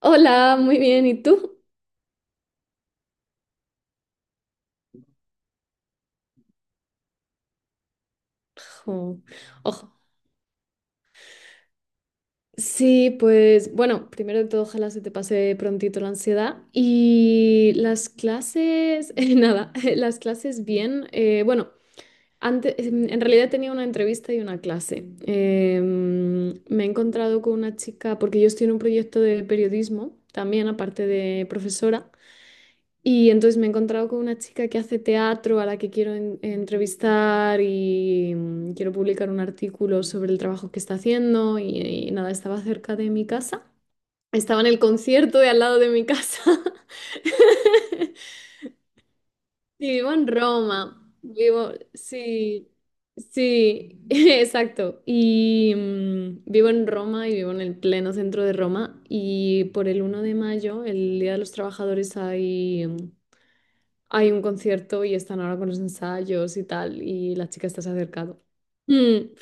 Hola, muy bien. ¿Y tú? Ojo. Ojo. Sí, pues bueno, primero de todo, ojalá se te pase prontito la ansiedad. Y las clases, nada, las clases bien. Bueno, antes, en realidad tenía una entrevista y una clase. Me he encontrado con una chica, porque yo estoy en un proyecto de periodismo, también aparte de profesora. Y entonces me he encontrado con una chica que hace teatro a la que quiero entrevistar y quiero publicar un artículo sobre el trabajo que está haciendo y nada, estaba cerca de mi casa. Estaba en el concierto de al lado de mi casa. Y vivo en Roma. Vivo, sí, sí, exacto. Y vivo en Roma y vivo en el pleno centro de Roma. Y por el 1 de mayo, el Día de los Trabajadores, hay un concierto y están ahora con los ensayos y tal, y la chica está se ha acercado. Mm.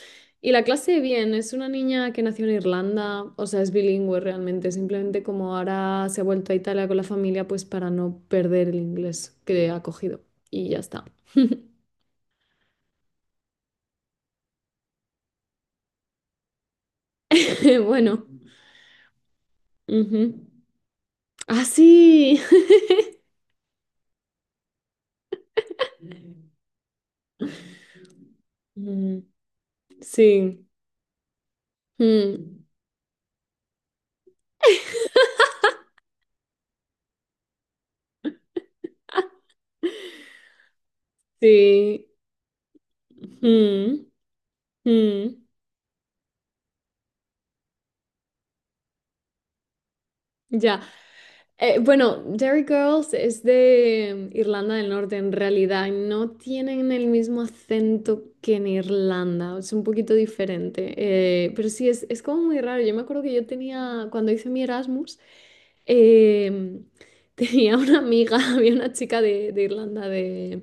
Y la clase, bien, es una niña que nació en Irlanda, o sea, es bilingüe realmente, simplemente como ahora se ha vuelto a Italia con la familia, pues para no perder el inglés que ha cogido. Y ya está. Bueno. Ujú. Ah, sí. Mm. Sí. Mm. Sí. Mm, mm. Ya. Bueno, Derry Girls es de Irlanda del Norte, en realidad no tienen el mismo acento que en Irlanda, es un poquito diferente, pero sí, es como muy raro. Yo me acuerdo que yo tenía, cuando hice mi Erasmus, em, tenía una amiga, había una chica de Irlanda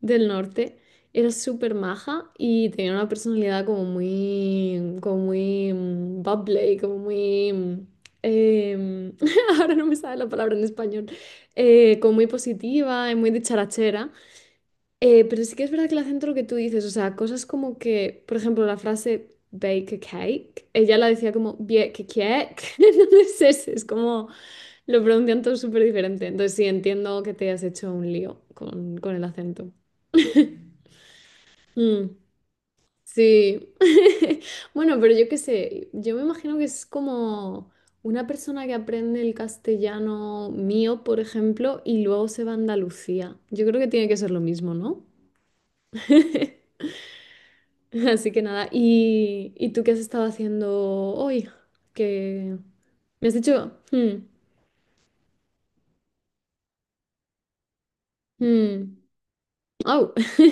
del Norte, era súper maja y tenía una personalidad como muy bubbly, como muy... em, ahora no me sale la palabra en español, como muy positiva y muy dicharachera. Pero sí que es verdad que el acento lo que tú dices, o sea, cosas como que, por ejemplo, la frase bake a cake, ella la decía como bake cake, entonces es, como lo pronuncian todo súper diferente. Entonces sí, entiendo que te has hecho un lío con el acento. Mm. Sí. Bueno, pero yo qué sé, yo me imagino que es como una persona que aprende el castellano mío, por ejemplo, y luego se va a Andalucía. Yo creo que tiene que ser lo mismo, ¿no? Así que nada, ¿y tú qué has estado haciendo hoy? Que me has dicho. Hmm. Hmm. Au.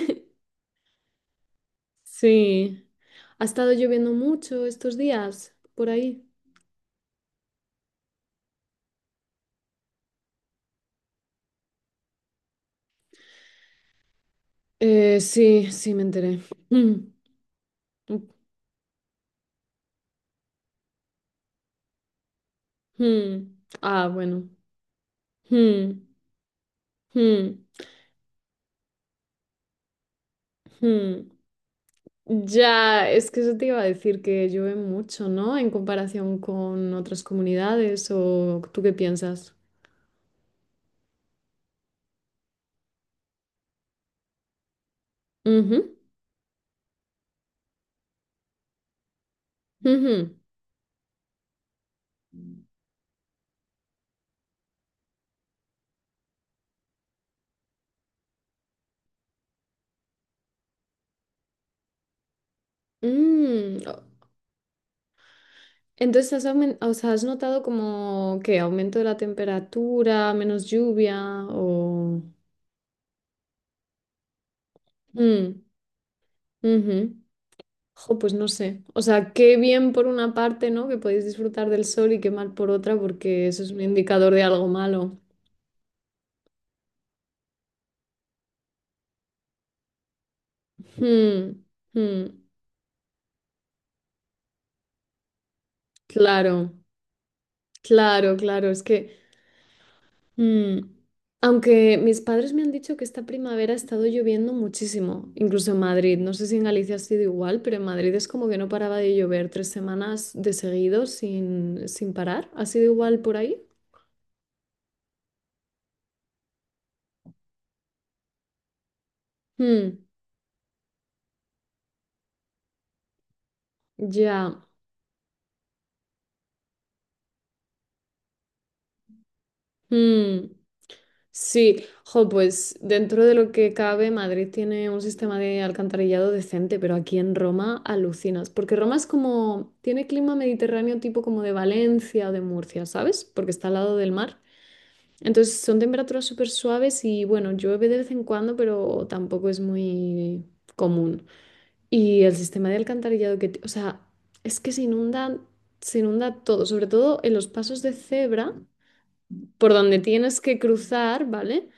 Sí. ¿Ha estado lloviendo mucho estos días por ahí? Sí, sí, me enteré. Mm, mm, mm. Ah, bueno. Mm. Hmm, hmm. Ya, es que eso te iba a decir que llueve mucho, ¿no? En comparación con otras comunidades, ¿o tú qué piensas? Ujú, ujú. Mm. Entonces, has, o sea, ¿has notado como que aumento de la temperatura, menos lluvia o...? Mm, ujú. Jo, pues no sé. O sea, qué bien por una parte, ¿no? Que podéis disfrutar del sol y qué mal por otra, porque eso es un indicador de algo malo. Hmm, hmm. Claro. Claro, claro, es que mm, aunque mis padres me han dicho que esta primavera ha estado lloviendo muchísimo, incluso en Madrid, no sé si en Galicia ha sido igual, pero en Madrid es como que no paraba de llover 3 semanas de seguido sin parar, ¿ha sido igual por ahí? Mm. Ya. Mm. Sí, jo, pues dentro de lo que cabe, Madrid tiene un sistema de alcantarillado decente, pero aquí en Roma alucinas, porque Roma es como, tiene clima mediterráneo tipo como de Valencia o de Murcia, ¿sabes? Porque está al lado del mar. Entonces son temperaturas súper suaves y bueno, llueve de vez en cuando, pero tampoco es muy común. Y el sistema de alcantarillado que, o sea, es que se inunda todo, sobre todo en los pasos de cebra, por donde tienes que cruzar, ¿vale?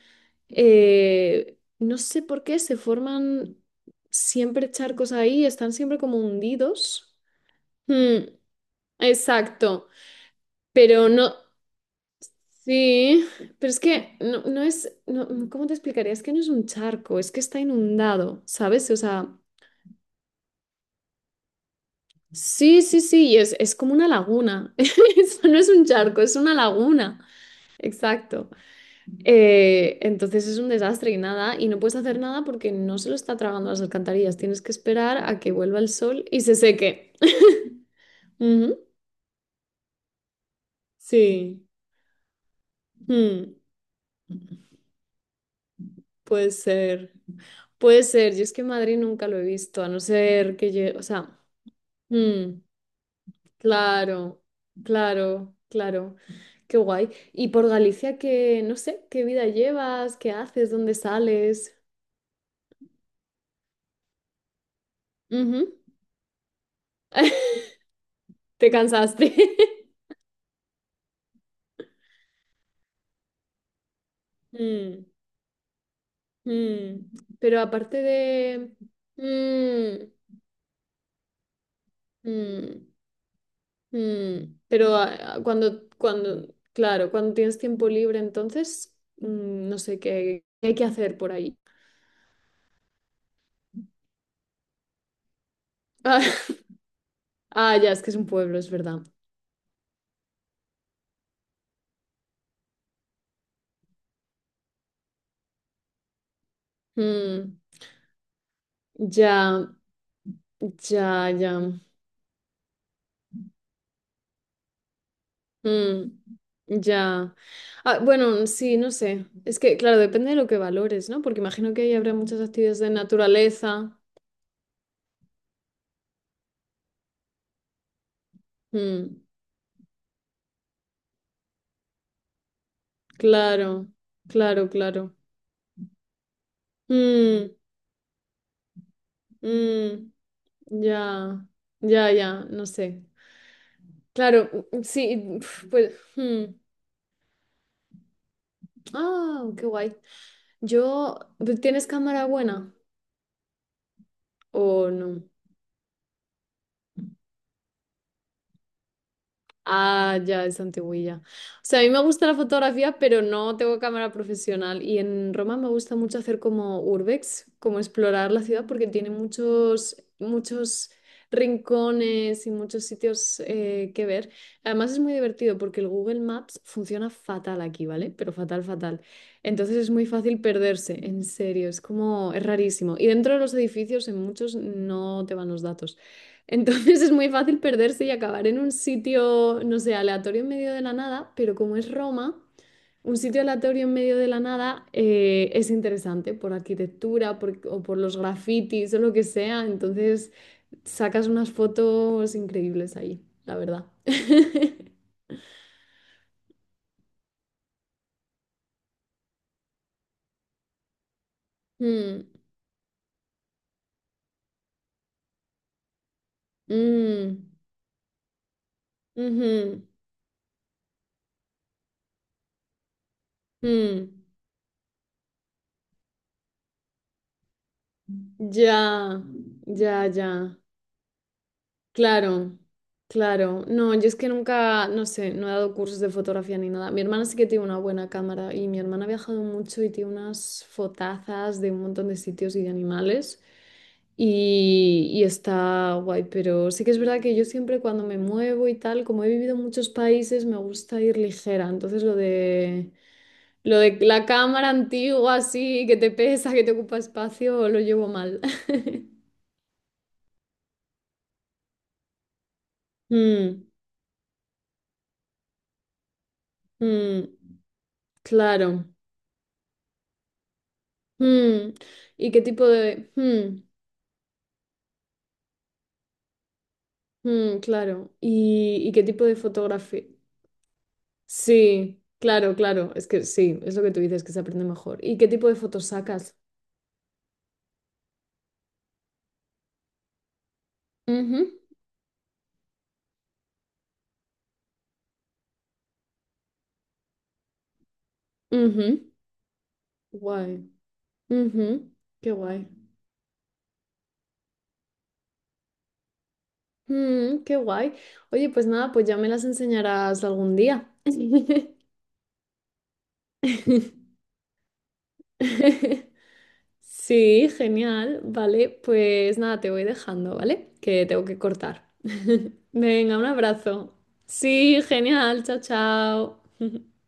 No sé por qué se forman siempre charcos ahí, están siempre como hundidos. Mm, exacto, pero no, sí, pero es que no, no es, no, ¿cómo te explicaría? Es que no es un charco, es que está inundado, ¿sabes? O sea, sí, sí, sí, y es como una laguna. Eso no es un charco, es una laguna. Exacto. Entonces es un desastre y nada, y no puedes hacer nada porque no se lo está tragando las alcantarillas. Tienes que esperar a que vuelva el sol y se seque. Ujú. Sí, mm, puede ser. Puede ser, yo es que en Madrid nunca lo he visto, a no ser que yo, o sea, mm, claro, claro, claro, qué guay. Y por Galicia, qué no sé, qué vida llevas, qué haces, dónde sales. Ujú. Te cansaste. Mm. Mm, pero aparte de... Mm, mm, pero cuando, claro, cuando tienes tiempo libre, entonces, no sé qué, qué hay que hacer por ahí. Ah, ah, ya, es que es un pueblo, es verdad. Mm, ya, ya, ya. Mm, ya. Ah, bueno, sí, no sé. Es que, claro, depende de lo que valores, ¿no? Porque imagino que ahí habrá muchas actividades de naturaleza. Mm. Claro, claro, claro. Mm, mm, ya, ya, ya, no sé. Claro, sí, uf, pues. Ah, qué guay. Yo, ¿tienes cámara buena o no? Ah, ya, es antiguilla. O sea, a mí me gusta la fotografía, pero no tengo cámara profesional. Y en Roma me gusta mucho hacer como urbex, como explorar la ciudad, porque tiene muchos, muchos rincones y muchos sitios que ver. Además es muy divertido porque el Google Maps funciona fatal aquí, ¿vale? Pero fatal, fatal. Entonces es muy fácil perderse, en serio, es como, es rarísimo. Y dentro de los edificios, en muchos no te van los datos. Entonces es muy fácil perderse y acabar en un sitio, no sé, aleatorio en medio de la nada, pero como es Roma, un sitio aleatorio en medio de la nada es interesante por arquitectura o por los grafitis o lo que sea. Entonces sacas unas fotos increíbles ahí, la verdad. Mm, mm, ujú, mm. Ya, ya, ya. Claro, claro. No, yo es que nunca, no sé, no he dado cursos de fotografía ni nada. Mi hermana sí que tiene una buena cámara y mi hermana ha viajado mucho y tiene unas fotazas de un montón de sitios y de animales y, está guay, pero sí que es verdad que yo siempre cuando me muevo y tal, como he vivido en muchos países, me gusta ir ligera. Entonces lo de la cámara antigua así, que te pesa, que te ocupa espacio, lo llevo mal. Mm, mm, claro. Mm. ¿Y qué tipo de...? Claro. ¿Y qué tipo de fotografía? Sí, claro, claro. Es que sí, es lo que tú dices, que se aprende mejor. ¿Y qué tipo de fotos sacas? Ujú, ujú. Guay. Ujú. Qué guay. Mm, qué guay. Oye, pues nada, pues ya me las enseñarás algún día. Sí, genial. Vale, pues nada, te voy dejando, ¿vale? Que tengo que cortar. Venga, un abrazo. Sí, genial. Chao, chao.